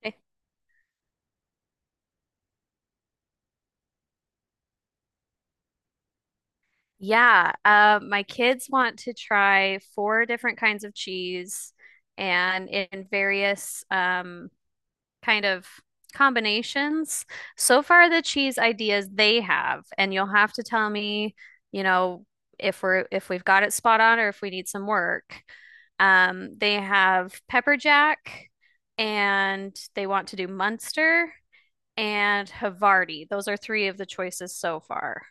Okay. Yeah, my kids want to try four different kinds of cheese and in various kind of combinations. So far, the cheese ideas they have, and you'll have to tell me, you know, if we're if we've got it spot on or if we need some work. They have pepper jack, and they want to do Munster and Havarti. Those are three of the choices so far.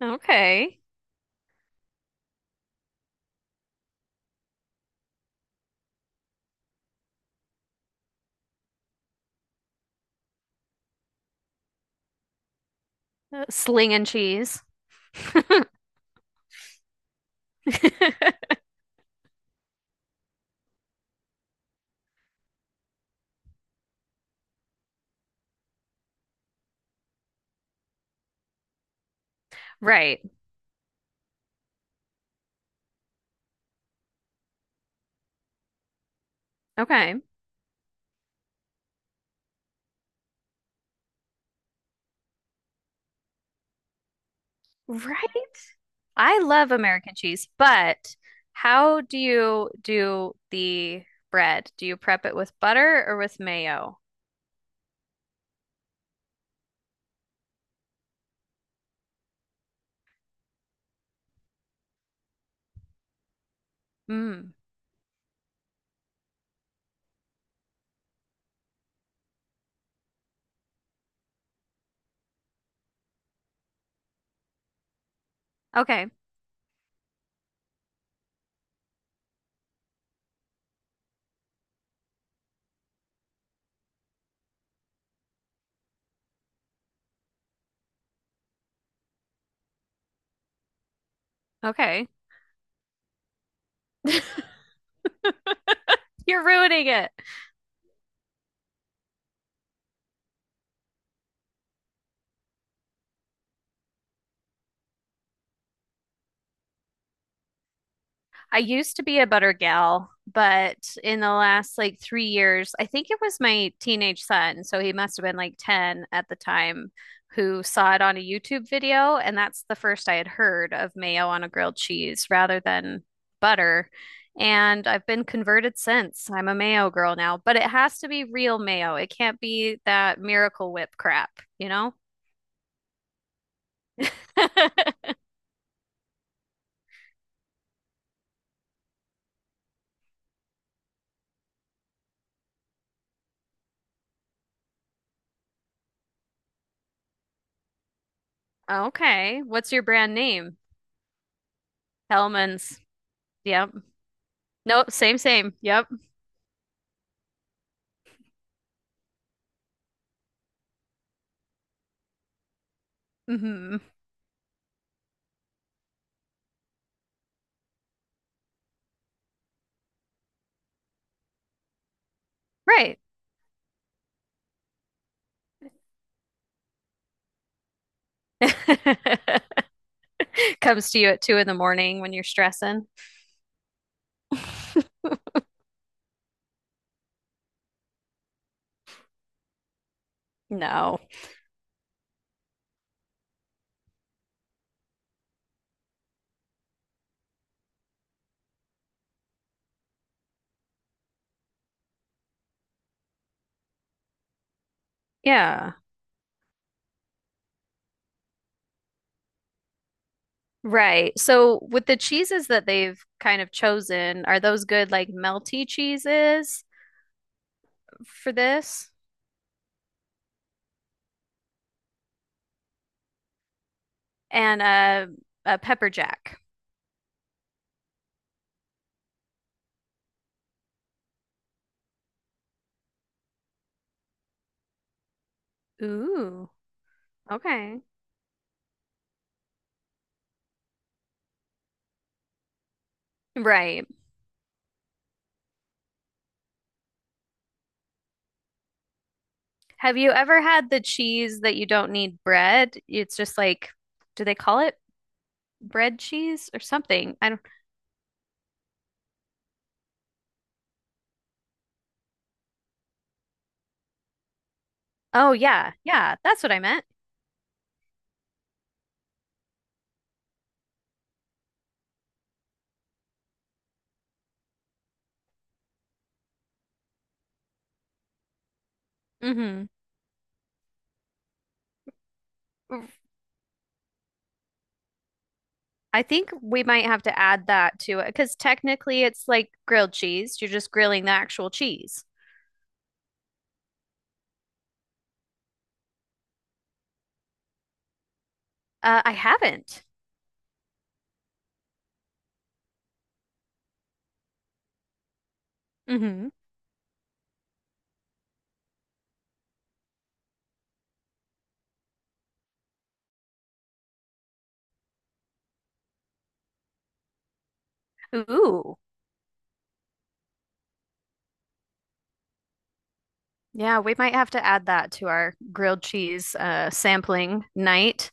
Okay. Sling and cheese. Right. Okay. Right. I love American cheese, but how do you do the bread? Do you prep it with butter or with mayo? Mm. Okay. Okay. You're ruining it. I used to be a butter gal, but in the last like 3 years, I think it was my teenage son, so he must have been like 10 at the time, who saw it on a YouTube video. And that's the first I had heard of mayo on a grilled cheese rather than butter. And I've been converted since. I'm a mayo girl now, but it has to be real mayo. It can't be that Miracle Whip crap, you know? Okay. What's your brand name? Hellman's. Yep. Nope. Same, same. Yep. Hmm. Right. Comes to you at two in the morning when you're stressing. No. Yeah. Right. So with the cheeses that they've kind of chosen, are those good like melty cheeses for this? And a pepper jack. Ooh, okay. Right. Have you ever had the cheese that you don't need bread? It's just like, do they call it bread cheese or something? I don't. Oh yeah, yeah, that's what I meant. Mm-hmm. I think we might have to add that to it because technically it's like grilled cheese. You're just grilling the actual cheese. I haven't. Hmm. Ooh. Yeah, we might have to add that to our grilled cheese sampling night.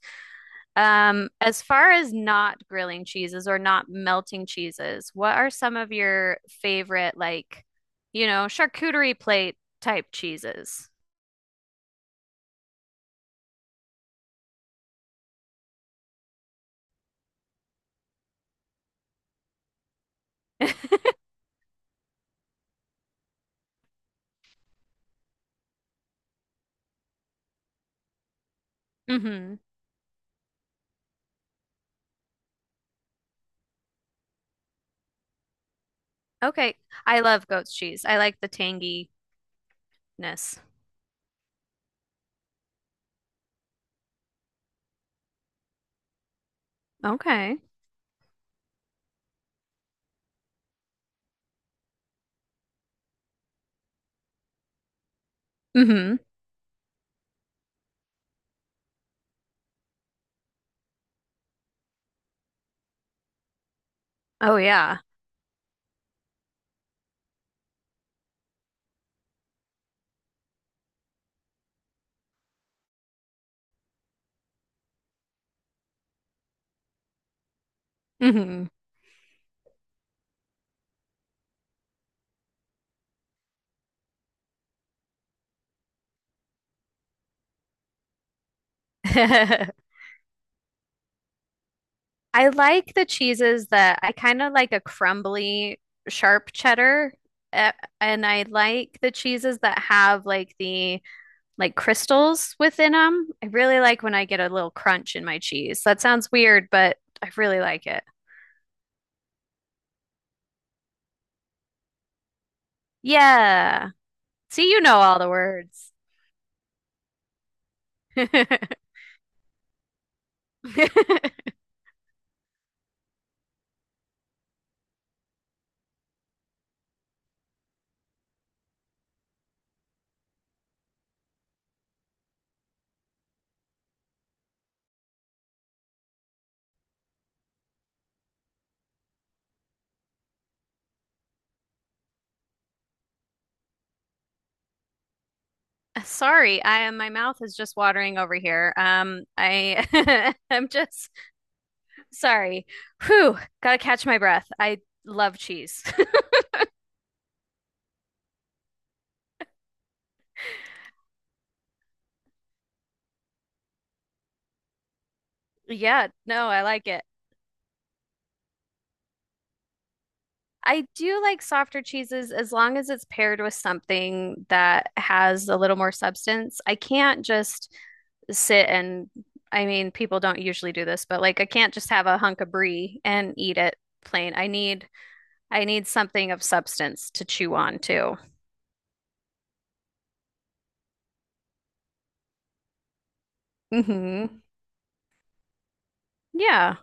As far as not grilling cheeses or not melting cheeses, what are some of your favorite, like, you know, charcuterie plate type cheeses? Hmm. Okay. I love goat's cheese. I like the tanginess. Okay. Hmm. Oh yeah. Hmm. I like the cheeses that I kind of like a crumbly, sharp cheddar, uh, and I like the cheeses that have like the like crystals within them. I really like when I get a little crunch in my cheese. That sounds weird, but I really like it. Yeah. See, you know all the words. Sorry, I my mouth is just watering over here. I I'm just. Sorry. Whew, gotta catch my breath. I love cheese. Yeah, no, I like it. I do like softer cheeses as long as it's paired with something that has a little more substance. I can't just sit and, I mean, people don't usually do this, but like I can't just have a hunk of brie and eat it plain. I need something of substance to chew on too. Hmm. Yeah.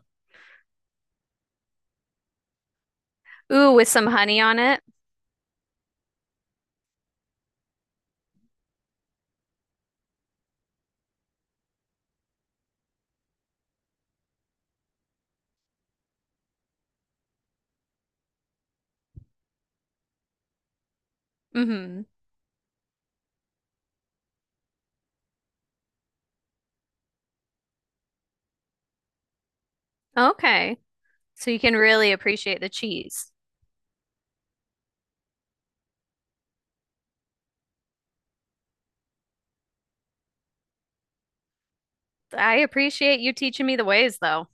Ooh, with some honey on it. Hmm. Okay. So you can really appreciate the cheese. I appreciate you teaching me the ways, though.